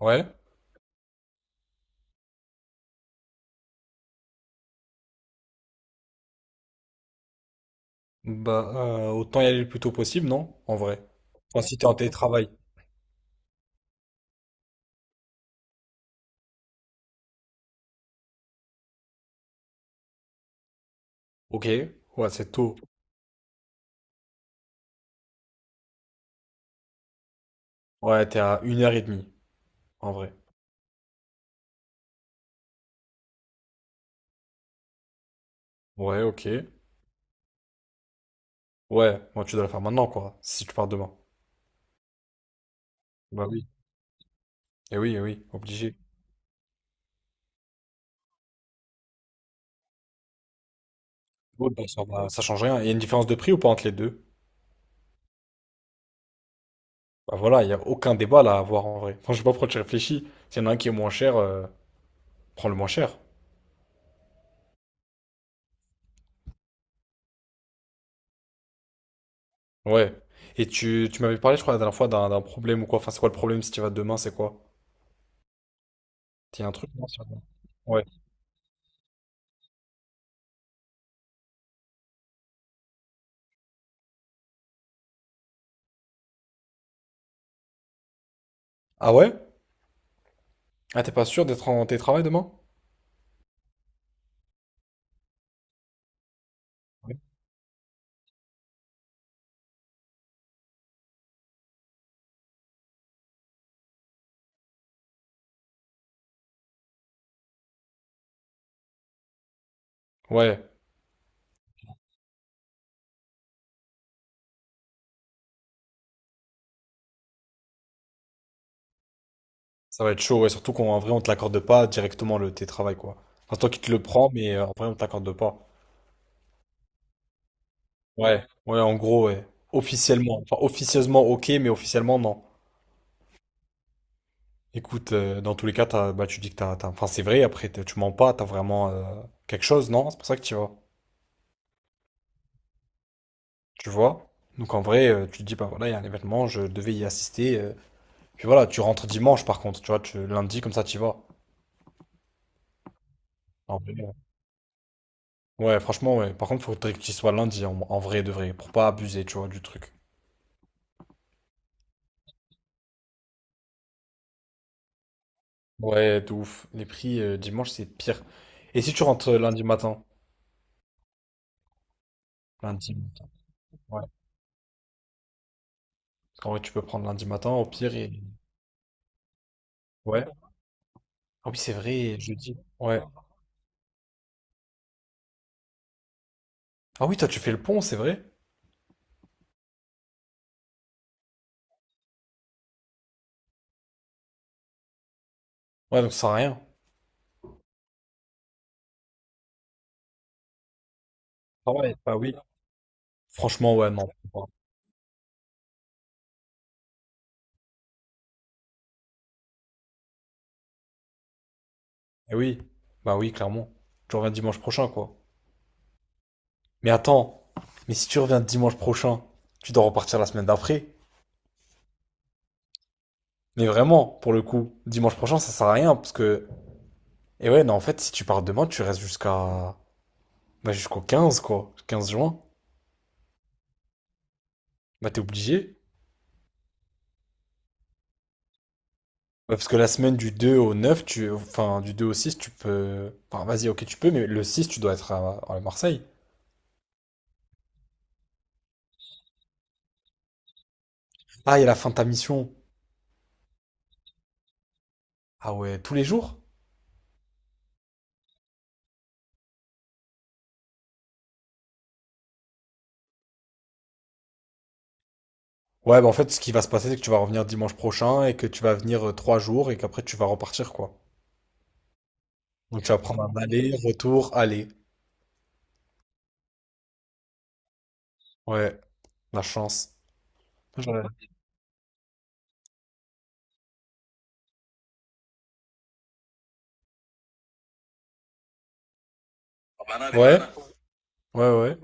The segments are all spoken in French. Ouais, bah autant y aller le plus tôt possible, non? En vrai. Enfin, si t'es en télétravail. Ok, ouais, c'est tôt. Ouais, t'es à une heure et demie, en vrai. Ouais, ok. Ouais, moi tu dois le faire maintenant, quoi, si tu pars demain. Bah oui. Eh oui, eh oui, obligé. Ouais, bah, ça change rien. Il y a une différence de prix ou pas entre les deux? Bah voilà, il n'y a aucun débat là à avoir en vrai. Enfin, je sais pas pourquoi tu réfléchis. S'il y en a un qui est moins cher, prends le moins cher. Ouais. Et tu m'avais parlé, je crois, la dernière fois d'un problème ou quoi. Enfin, c'est quoi le problème si tu vas demain, c'est quoi? T'y a un truc, non? Ouais. Ah ouais? Ah, t'es pas sûr d'être en télétravail demain? Ouais, ça va être chaud, ouais, surtout qu'en vrai, on te l'accorde pas directement le télétravail, quoi. Enfin, toi qui te le prends, mais en vrai, on t'accorde pas. Ouais, ouais, en gros, ouais. Officiellement. Enfin, officieusement, ok, mais officiellement, non. Écoute, dans tous les cas, bah, tu dis que Enfin, c'est vrai, après, tu mens pas, t'as vraiment quelque chose, non? C'est pour ça que tu vas. Tu vois? Donc, en vrai, tu te dis, bah voilà, il y a un événement, je devais y assister. Puis voilà, tu rentres dimanche, par contre, tu vois, tu, lundi, comme ça, tu y vas. Ouais, franchement, ouais. Par contre, faudrait qu'il soit lundi en vrai de vrai, pour pas abuser, tu vois, du truc. Ouais, de ouf. Les prix dimanche, c'est pire. Et si tu rentres lundi matin? Lundi matin. Ouais. Parce qu'en vrai, tu peux prendre lundi matin, au pire, et... Ouais. Ah oui, c'est vrai, et jeudi. Ouais. Ah oui, toi, tu fais le pont, c'est vrai? Ouais, donc ça sert à rien. Ah ouais, bah oui. Franchement, ouais, non. Et oui. Bah oui, clairement. Tu reviens dimanche prochain, quoi. Mais attends. Mais si tu reviens dimanche prochain, tu dois repartir la semaine d'après. Mais vraiment, pour le coup, dimanche prochain, ça sert à rien parce que. Et ouais, non, en fait, si tu pars demain, tu restes jusqu'à. Bah, jusqu'au 15, quoi. 15 juin. Bah, t'es obligé. Ouais, parce que la semaine du 2 au 9, tu. Enfin, du 2 au 6, tu peux. Enfin, vas-y, ok, tu peux, mais le 6, tu dois être à Marseille. Ah, il y a la fin de ta mission. Ah ouais, tous les jours? Ouais, bah, en fait, ce qui va se passer, c'est que tu vas revenir dimanche prochain et que tu vas venir 3 jours et qu'après, tu vas repartir, quoi. Donc, tu vas prendre un aller, retour, aller. Ouais, la chance. Ouais. Ouais, ouais.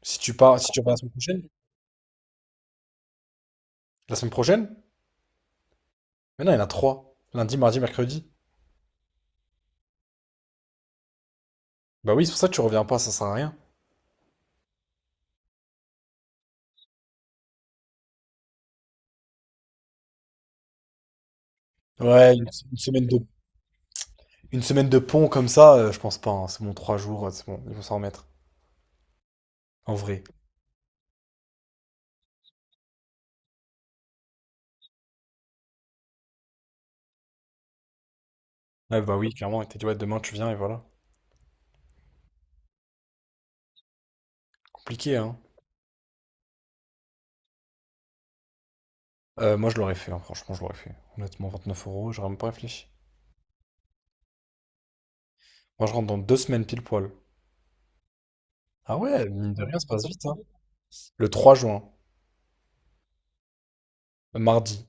Si tu pars, si tu reviens la semaine prochaine, mais non, il y en a trois. Lundi, mardi, mercredi. Bah oui, c'est pour ça que tu reviens pas, ça sert à rien. Ouais, une semaine de, une semaine de pont comme ça, je pense pas. Hein. C'est bon, 3 jours, c'est bon, ils vont s'en remettre. En vrai. Ouais, bah oui, clairement, il t'a dit, ouais, demain tu viens et voilà. Compliqué, hein. Moi, je l'aurais fait, hein, franchement, je l'aurais fait. Honnêtement, 29 euros, j'aurais même pas réfléchi. Moi, je rentre dans 2 semaines pile poil. Ah ouais, mine de rien, ça passe vite, hein. Le 3 juin, mardi.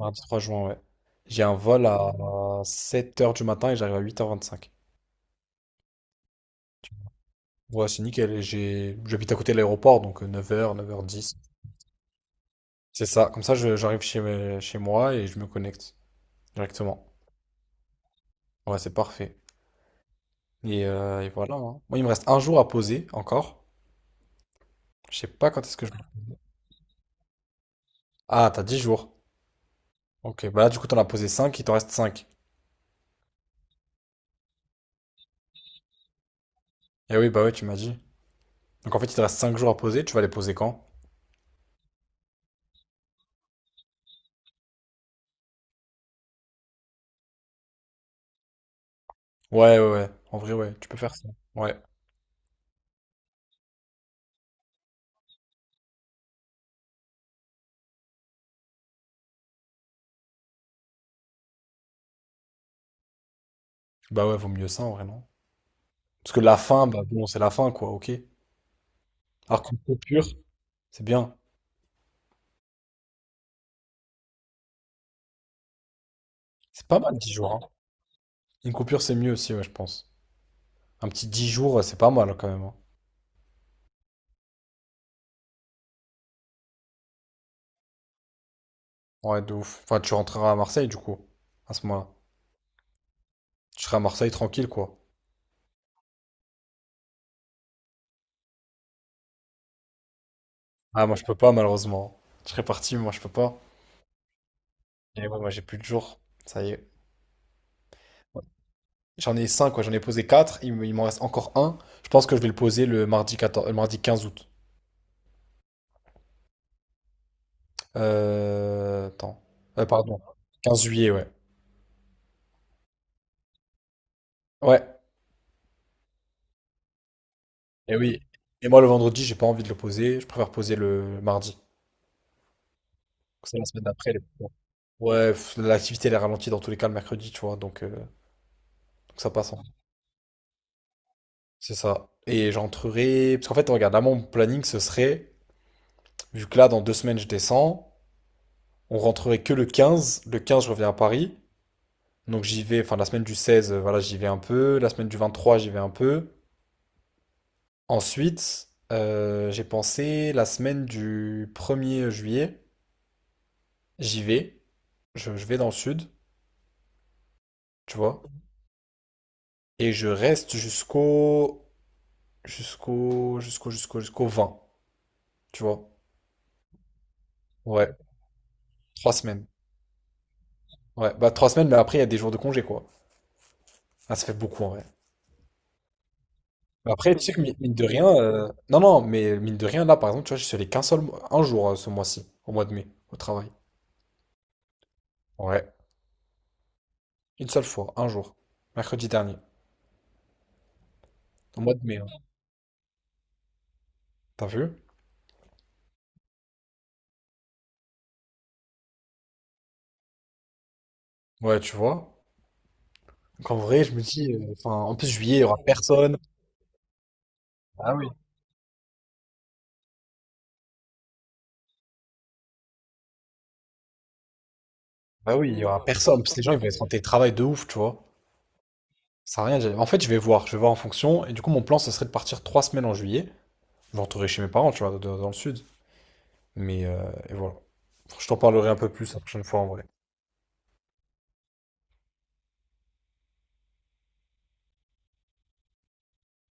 Mardi 3 juin, ouais. J'ai un vol à 7 heures du matin et j'arrive à 8h25. Ouais, c'est nickel. Et j'habite à côté de l'aéroport, donc neuf heures dix. C'est ça. Comme ça, j'arrive chez moi et je me connecte directement. Ouais, c'est parfait. Et voilà. Hein. Moi, il me reste un jour à poser encore. Je sais pas quand est-ce que je. Ah, t'as 10 jours. Ok, bah là, du coup, t'en as posé cinq, il t'en reste cinq. Eh oui, bah ouais, tu m'as dit. Donc en fait, il te reste 5 jours à poser. Tu vas les poser quand? Ouais, ouais, ouais. En vrai, ouais, tu peux faire ça. Ouais. Bah ouais, vaut mieux ça, en vrai, non? Parce que la fin, bah bon, c'est la fin, quoi, ok. Alors qu'une coupure, c'est bien. C'est pas mal, 10 jours, hein. Une coupure, c'est mieux aussi, ouais, je pense. Un petit 10 jours, c'est pas mal quand même. Hein. Ouais, de ouf. Enfin, tu rentreras à Marseille, du coup, à ce moment-là. Tu seras à Marseille tranquille, quoi. Ah, moi, je peux pas, malheureusement. Je serais parti, mais moi, je peux pas. Et ouais, moi, j'ai plus de jours. Ça y est. Ouais. J'en ai 5 quoi. J'en ai posé 4. Il m'en reste encore un. Je pense que je vais le poser le mardi 14, le mardi 15 août. Attends. Pardon. 15 juillet, ouais. Ouais. Et oui. Et moi, le vendredi, j'ai pas envie de le poser. Je préfère poser le mardi. C'est la semaine d'après. Ouais, pff, l'activité elle est ralentie dans tous les cas le mercredi, tu vois, donc ça passe. Hein. C'est ça. Et j'entrerai. Parce qu'en fait, regarde, là, mon planning, ce serait, vu que là, dans 2 semaines, je descends, on rentrerait que le 15. Le 15, je reviens à Paris. Donc j'y vais, enfin, la semaine du 16, voilà, j'y vais un peu. La semaine du 23, j'y vais un peu. Ensuite, j'ai pensé, la semaine du 1er juillet, j'y vais. Je vais dans le sud, tu vois. Et je reste jusqu'au 20. Tu vois? Ouais, 3 semaines. Ouais, bah 3 semaines, mais après, il y a des jours de congé, quoi. Ah, ça fait beaucoup, en vrai. Mais après, tu sais que mine de rien... Non, non, mais mine de rien, là, par exemple, tu vois, je suis allé qu'un seul... un jour ce mois-ci, au mois de mai, au travail. Ouais, une seule fois, un jour. Mercredi dernier, au mois de mai. Hein. T'as vu? Ouais, tu vois? Donc, en vrai, je me dis... Enfin, en plus, juillet, il y aura personne. Bah oui, il y aura personne. Parce que les gens, ils vont être en télétravail de ouf, tu vois. Ça sert à rien. En fait, je vais voir. Je vais voir en fonction. Et du coup, mon plan, ce serait de partir 3 semaines en juillet. Je rentrerai chez mes parents, tu vois, dans le sud. Mais et voilà. Je t'en parlerai un peu plus la prochaine fois en vrai.